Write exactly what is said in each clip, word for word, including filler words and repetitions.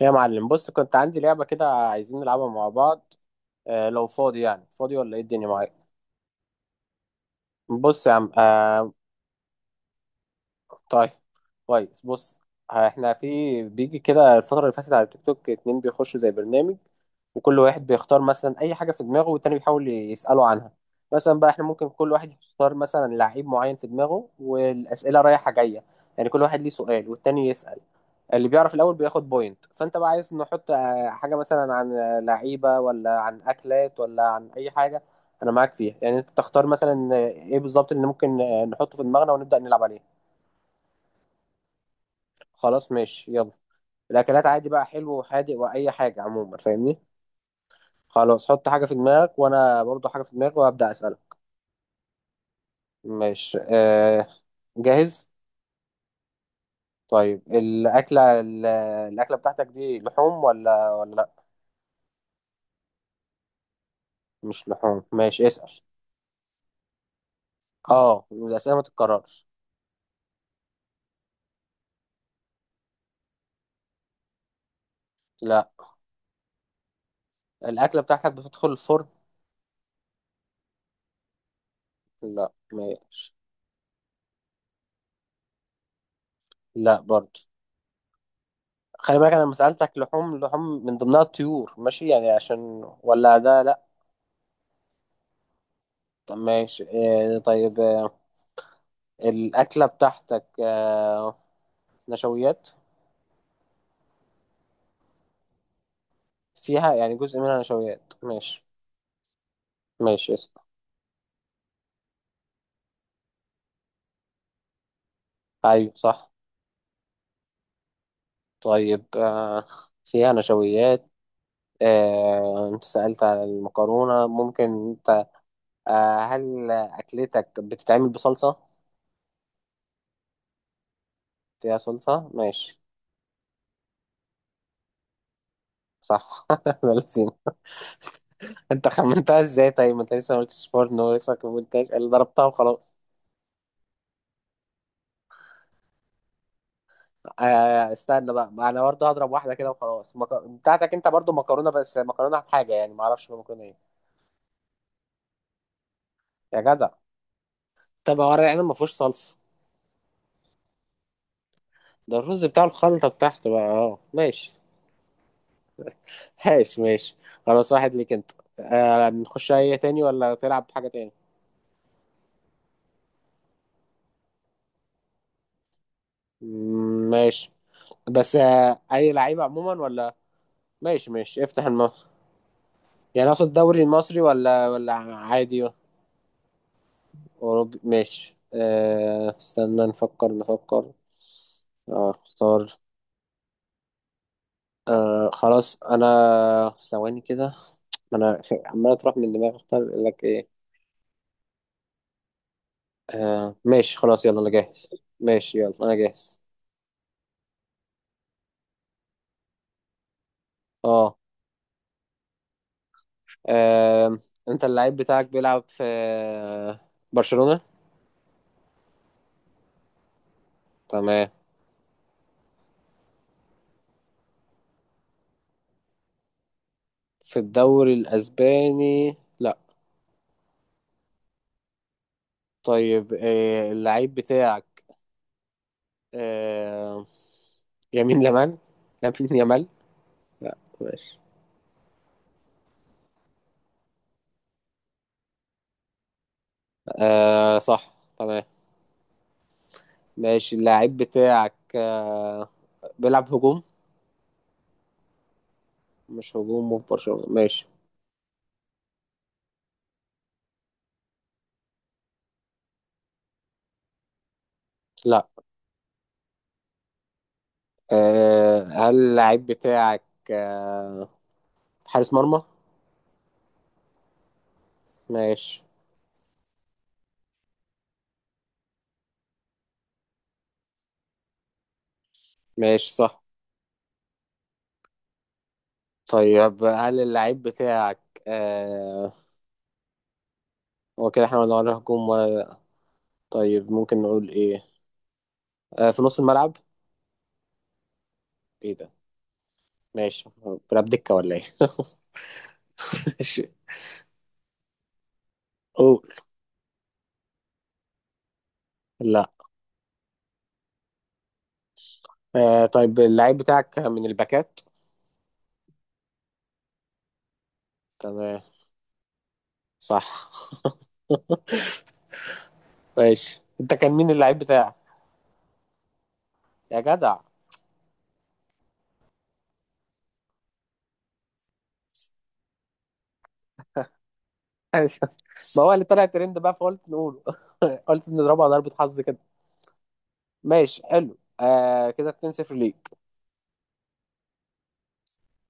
يا معلم بص، كنت عندي لعبة كده عايزين نلعبها مع بعض. آه لو فاضي، يعني فاضي ولا ايه الدنيا معاك؟ بص يا عم. آه طيب، كويس بص، احنا في بيجي كده الفترة اللي فاتت على التيك توك اتنين بيخشوا زي برنامج، وكل واحد بيختار مثلا أي حاجة في دماغه والتاني بيحاول يسأله عنها. مثلا بقى احنا ممكن كل واحد يختار مثلا لعيب معين في دماغه، والأسئلة رايحة جاية، يعني كل واحد ليه سؤال والتاني يسأل. اللي بيعرف الأول بياخد بوينت، فأنت بقى عايز نحط آه، حاجة مثلا عن آه، لعيبة، ولا عن أكلات، ولا عن أي حاجة؟ أنا معاك فيها، يعني أنت تختار مثلا آه، إيه بالظبط اللي ممكن آه، نحطه في دماغنا ونبدأ نلعب عليه. خلاص ماشي يلا. الاكلات عادي بقى، حلو وحادق واي حاجه عموما، فاهمني. خلاص، حط حاجه في دماغك وانا برضو حاجه في دماغي وابدا اسالك. ماشي. آه جاهز؟ طيب الاكله ال- الاكله بتاعتك دي لحوم ولا ولا لا؟ مش لحوم، ماشي اسال. اه، الاسئله ما تتكررش. لا. الاكله بتاعتك بتدخل الفرن؟ لا ما... لا برضو. خلي بالك انا لما سالتك لحوم، لحوم من ضمنها الطيور ماشي؟ يعني عشان، ولا ده لا؟ طب ماشي. آه طيب، آه، الأكلة بتاعتك آه، نشويات؟ فيها، يعني جزء منها نشويات، ماشي. ماشي اسم. أيوة صح. طيب آه، فيها نشويات. آه، أنت سألت على المكرونة، ممكن. أنت آه، هل أكلتك بتتعمل بصلصة؟ فيها صلصة، ماشي. صح. ده لازم. أنت خمنتها إزاي؟ طيب ما أنت لسه ما قلتش فرن، ولسه ما قلتهاش. اللي ضربتها وخلاص. آه استنى بقى، ما انا برضه هضرب واحده كده وخلاص. مك... بتاعتك انت برضه مكرونه، بس مكرونه بحاجه يعني، ما اعرفش مكرونه ايه. يا جدع. طب ورق العنب ما فيهوش صلصه؟ ده الرز بتاع الخلطه بتاعته بقى، اه ماشي ماشي ماشي. خلاص، واحد ليك انت. آه نخش اي تاني، ولا تلعب حاجه تاني؟ مم، ماشي. بس آه اي لعيبه عموما ولا؟ ماشي ماشي افتح الماء. يعني اقصد الدوري المصري ولا ولا عادي؟ اوروبي، ماشي. آه استنى، نفكر نفكر. اه اختار. آه خلاص انا ثواني كده. ما انا عمال اطرح من دماغي اختار اقول لك ايه. آه ماشي، خلاص يلا، انا جاهز. ماشي يلا انا جاهز. اه. آم، انت اللعيب بتاعك بيلعب في برشلونة؟ تمام. في الدوري الاسباني، لا. طيب آه اللعيب بتاعك آه يمين يمال؟ يمين يمال. لا ماشي. آه صح، تمام. ماشي، اللعيب بتاعك آه بيلعب هجوم؟ مش هجوم في برشلونة، ماشي. لا، أه هل اللعيب بتاعك أه حارس مرمى؟ ماشي. ماشي صح. طيب هل اللعيب بتاعك أه هو كده احنا ولا ولا هجوم ولا إيه؟ طيب ممكن نقول ايه، أه في نص الملعب؟ ايه ده؟ ماشي، بلعب دكة ولا ايه؟ ماشي، قول. لا، أه طيب اللعيب بتاعك من الباكات. تمام، صح. ماشي، انت كان مين اللعيب بتاعك؟ يا جدع. ما هو اللي طلع ترند بقى، فقلت نقول، قلت نضربها ضربة حظ كده. ماشي، حلو. آه كده اتنين صفر ليك.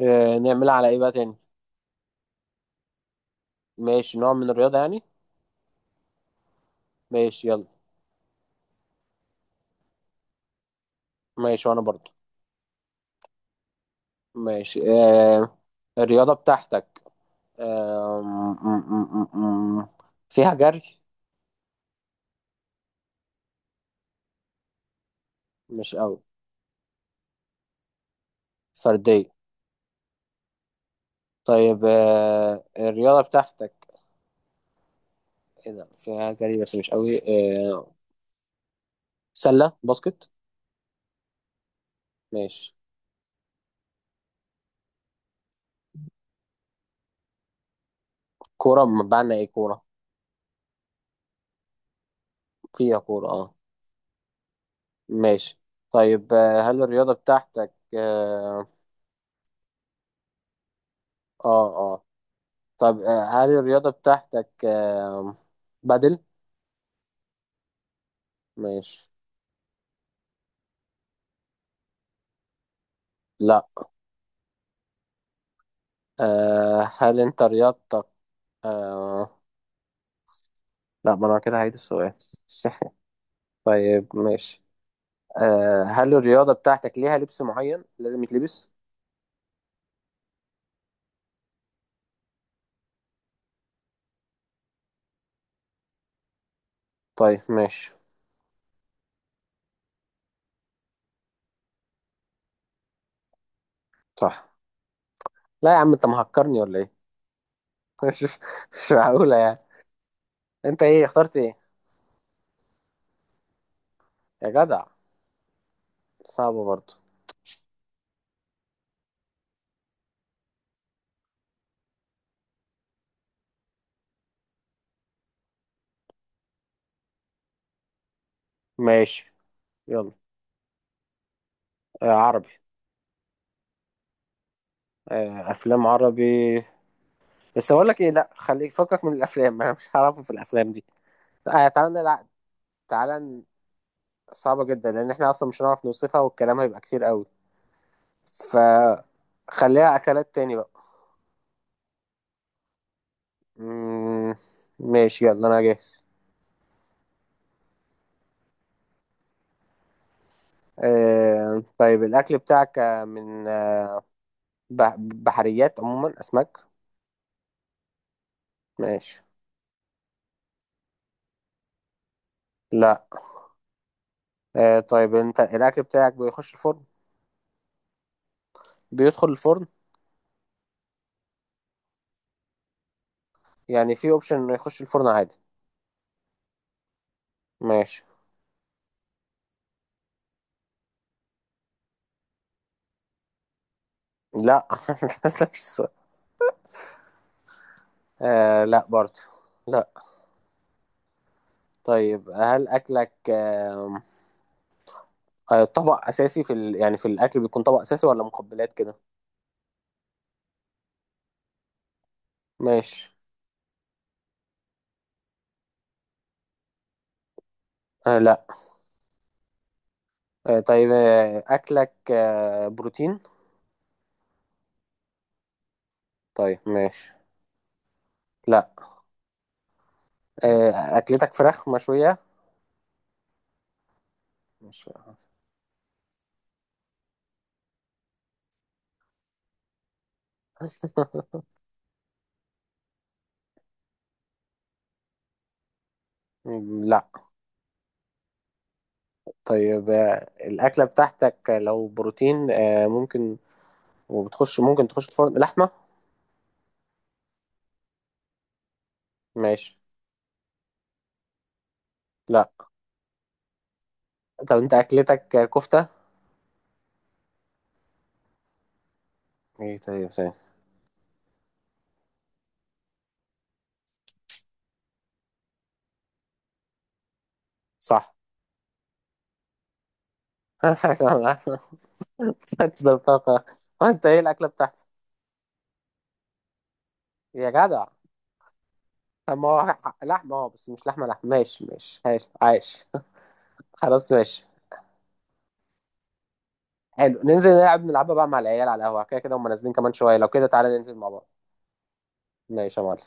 آه نعملها على ايه بقى تاني؟ ماشي، نوع من الرياضة يعني. ماشي يلا. ماشي، وانا برضو. ماشي. آه الرياضة بتاعتك آه م- م- م- م- فيها جري؟ مش قوي. فردية. طيب آه الرياضة بتاعتك، ايه ده، فيها جري بس مش قوي. آه سلة باسكت؟ ماشي. كورة بمعنى ايه كورة؟ فيها كورة، اه. ماشي. طيب آه، هل الرياضة بتاعتك اه؟ اه. آه. طب آه، هل الرياضة بتاعتك آه بدل؟ ماشي. لا، آه هل انت رياضتك آه؟ لا، ما انا كده هعيد السؤال. طيب ماشي. آه هل الرياضة بتاعتك ليها لبس معين لازم يتلبس؟ طيب ماشي. صح؟ لا يا عم، انت مهكرني ولا ايه؟ مش مش معقولة يعني. انت ايه، اخترت ايه؟ يا جدع، صعبة برضه. ماشي يلا. آه عربي. آه، افلام عربي، بس اقول لك ايه، لا خليك فكك من الافلام، انا مش هعرفه في الافلام دي. آه تعالى نلعب. تعالى ن- صعبه جدا، لان احنا اصلا مش هنعرف نوصفها والكلام هيبقى كتير قوي. فخليها اكلات تاني بقى. مم. ماشي يلا، انا جاهز. آه... طيب الاكل بتاعك آه، من آه، بح... بحريات عموما، اسماك؟ ماشي. لا. آه... طيب انت الاكل بتاعك بيخش الفرن؟ بيدخل الفرن. يعني في اوبشن انه يخش الفرن عادي. ماشي. لا. نفس السؤال. آه لا برضو. لا. طيب هل اكلك آه آه، طبق اساسي في ال... يعني في الاكل بيكون طبق اساسي ولا مقبلات كده؟ ماشي. آه لا. آه طيب آه اكلك آه بروتين. طيب ماشي. لا. آه اكلتك فراخ مشوية؟ مش م- لا. طيب آه الاكلة بتاعتك لو بروتين آه ممكن، وبتخش، ممكن تخش الفرن، لحمة؟ ماشي. لا. طب انت اكلتك كفتة؟ ايه طيب طيب. صح. تبدل طاقة. وانت ايه الأكلة بتاعتك؟ يا جدع. طب ما هو ح- لحمة اه بس مش لحمة لحمة. ماشي ماشي ماشي عايش. خلاص ماشي. حلو، ننزل نلعب، نلعبها بقى مع العيال على القهوة، كده كده هم نازلين كمان شوية، لو كده تعالى ننزل مع بعض. ماشي يا معلم.